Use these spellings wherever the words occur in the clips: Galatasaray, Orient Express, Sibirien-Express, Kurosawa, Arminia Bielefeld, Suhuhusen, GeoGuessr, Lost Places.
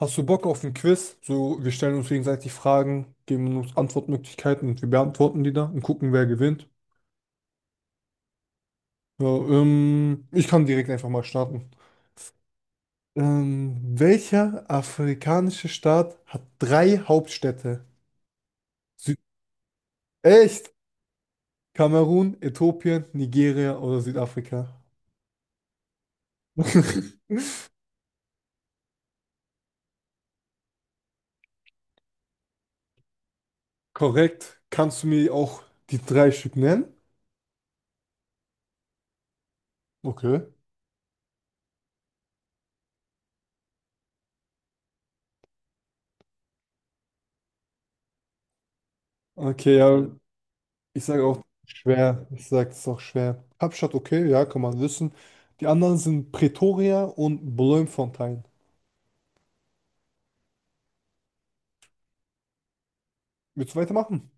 Hast du Bock auf ein Quiz? So, wir stellen uns gegenseitig Fragen, geben uns Antwortmöglichkeiten und wir beantworten die dann und gucken, wer gewinnt. Ja, ich kann direkt einfach mal starten. Welcher afrikanische Staat hat drei Hauptstädte? Süd. Echt? Kamerun, Äthiopien, Nigeria oder Südafrika? Korrekt. Kannst du mir auch die drei Stück nennen? Okay. Okay, ja. Ich sage auch schwer. Ich sage, es ist auch schwer. Kapstadt, okay, ja, kann man wissen. Die anderen sind Pretoria und Bloemfontein. Willst du weitermachen?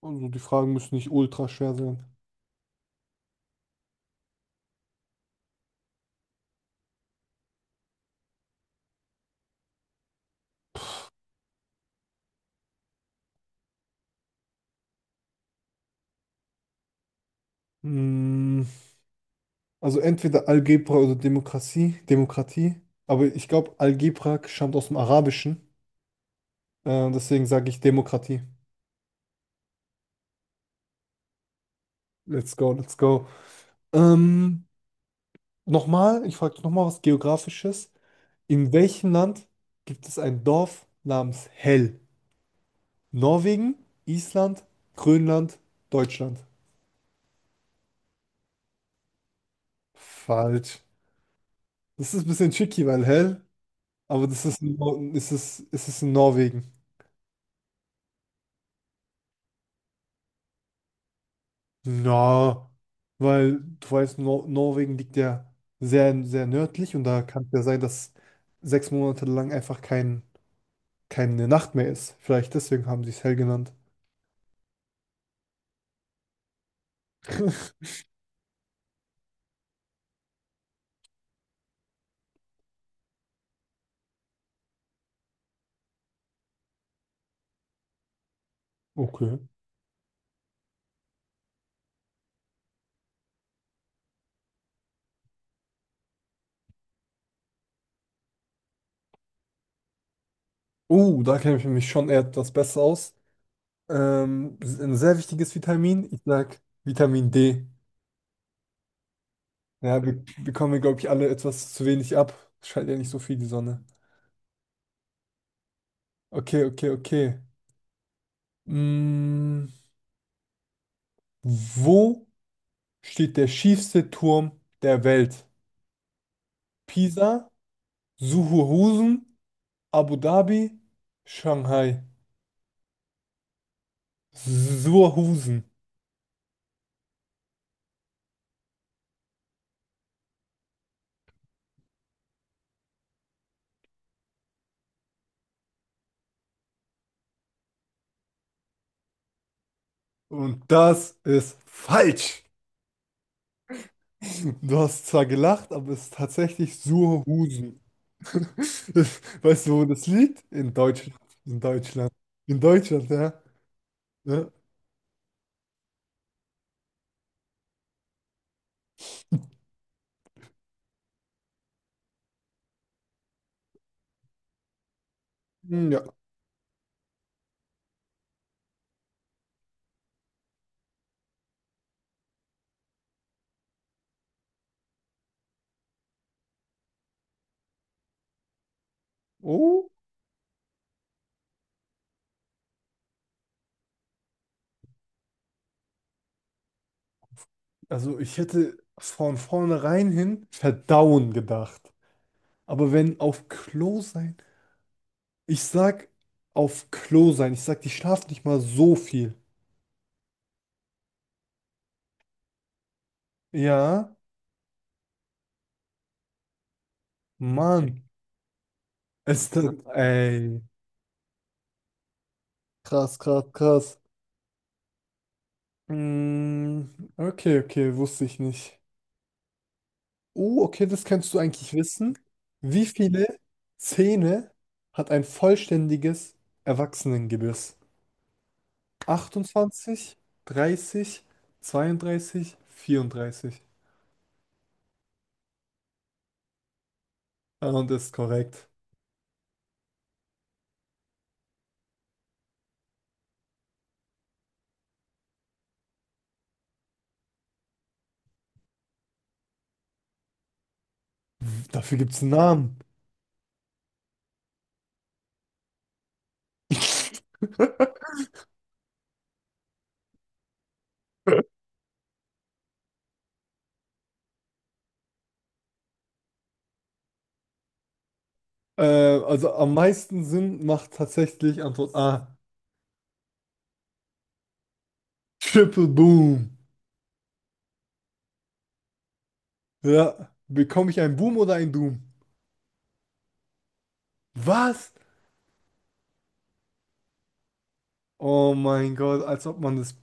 Also die Fragen müssen nicht ultra schwer sein. Mm, also entweder Algebra oder Demokratie. Demokratie. Aber ich glaube, Algebra stammt aus dem Arabischen. Deswegen sage ich Demokratie. Let's go, let's go. Ähm, nochmal, ich frage nochmal was Geografisches. In welchem Land gibt es ein Dorf namens Hell? Norwegen, Island, Grönland, Deutschland. Falsch. Das ist ein bisschen tricky, weil hell, aber das ist, in ist es in Norwegen. Na, weil du weißt, Nor Norwegen liegt ja sehr, sehr nördlich und da kann es ja sein, dass 6 Monate lang einfach keine Nacht mehr ist. Vielleicht deswegen haben sie es hell genannt. Okay. Oh, da kenne ich mich schon etwas besser aus. Ein sehr wichtiges Vitamin, ich sag Vitamin D. Ja, wir, glaube ich, alle etwas zu wenig ab. Scheint ja nicht so viel die Sonne. Okay, okay, okay. Mm, wo steht der schiefste Turm der Welt? Pisa, Suhuhusen, Abu Dhabi, Shanghai. Suhuhusen. Und das ist falsch. Du hast zwar gelacht, aber es ist tatsächlich Suhuhusen. Das- Weißt du, wo das liegt? In Deutschland. In Deutschland. In Deutschland, ja. Ja. Hm, ja. Oh, also ich hätte von vornherein hin verdauen gedacht. Aber wenn auf Klo sein, ich sag auf Klo sein, ich sag, die schlafen nicht mal so viel. Ja, Mann, es dann, ey, krass, krass, krass. Mm, okay, okay, wusste ich nicht. Oh, okay, das kannst du eigentlich wissen. Wie viele Zähne hat ein vollständiges Erwachsenengebiss? 28, 30, 32, 34. Und ist korrekt. Dafür gibt es einen Namen. Also am meisten Sinn macht tatsächlich Antwort A. Triple Boom. Ja. Bekomme ich einen Boom oder einen Doom? Was? Oh mein Gott, als ob man das.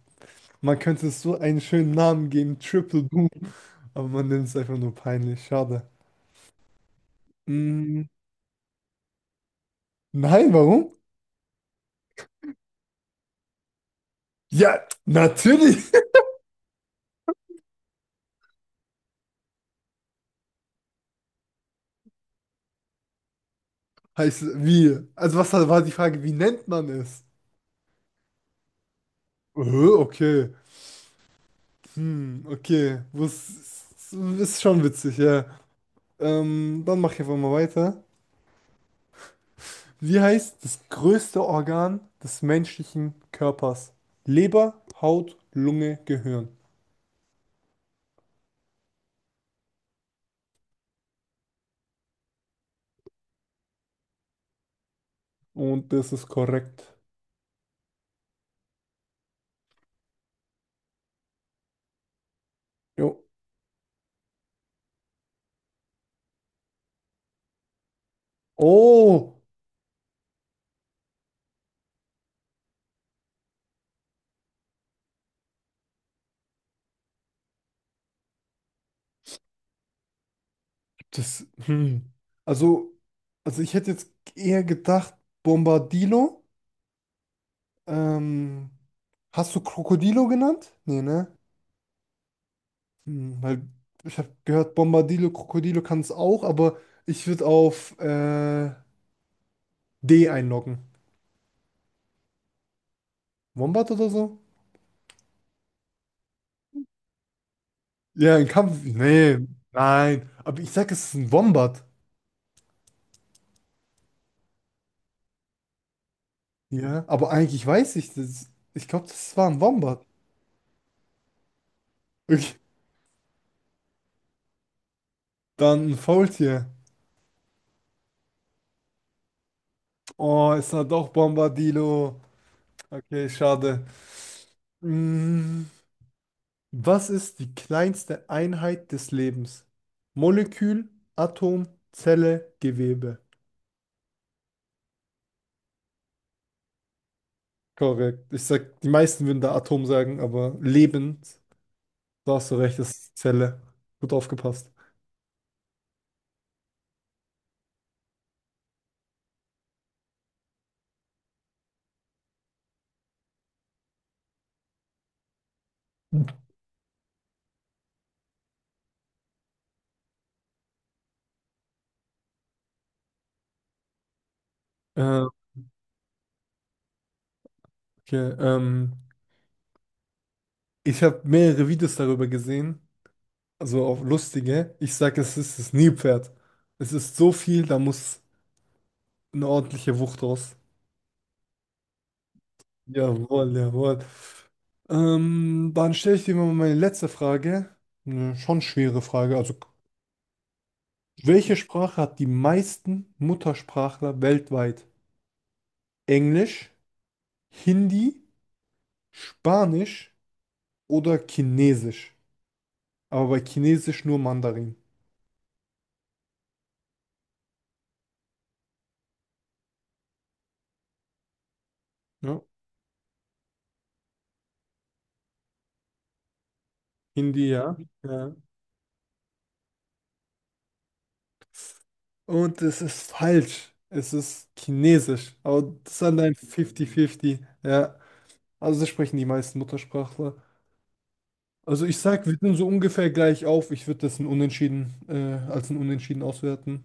Man könnte es so einen schönen Namen geben, Triple Boom. Aber man nennt es einfach nur peinlich. Schade. Mm, nein, warum? Ja, natürlich. Heißt, wie? Also was war die Frage, wie nennt man es? Äh, okay. Hm, okay, was ist schon witzig, ja. Dann mach ich einfach mal weiter. Wie heißt das größte Organ des menschlichen Körpers? Leber, Haut, Lunge, Gehirn. Und das ist korrekt. Jo. Oh, das. Hm. Also, also ich hätte jetzt eher gedacht, Bombardilo. Ähm, hast du Krokodilo genannt? Nee, ne? Hm, weil ich habe gehört, Bombadillo, Krokodilo kann es auch, aber ich würde auf D einloggen. Wombat oder so? Ja, ein Kampf. Nee, nein. Aber ich sag, es ist ein Wombat. Ja, aber eigentlich weiß ich das. Ich glaube, das war ein Wombat. Okay. Dann ein Faultier. Oh, ist da doch Bombadillo. Okay, schade. Hm, was ist die kleinste Einheit des Lebens? Molekül, Atom, Zelle, Gewebe. Korrekt. Ich sag, die meisten würden da Atom sagen, aber lebend, da hast du recht, das ist Zelle. Gut aufgepasst. Äh, okay, ich habe mehrere Videos darüber gesehen, also auch lustige. Ich sag, es ist das Nilpferd. Es ist so viel, da muss eine ordentliche Wucht raus. Jawohl, jawohl. Dann stelle ich dir mal meine letzte Frage. Eine schon schwere Frage. Also, welche Sprache hat die meisten Muttersprachler weltweit? Englisch? Hindi, Spanisch oder Chinesisch. Aber bei Chinesisch nur Mandarin. Ne? Hindi, ja. Ja. Und es ist falsch. Es ist Chinesisch. Aber das ist dann ein 50-50. Ja. Also das sprechen die meisten Muttersprachler. Also ich sag, wir sind so ungefähr gleich auf. Ich würde das ein Unentschieden, als ein Unentschieden auswerten.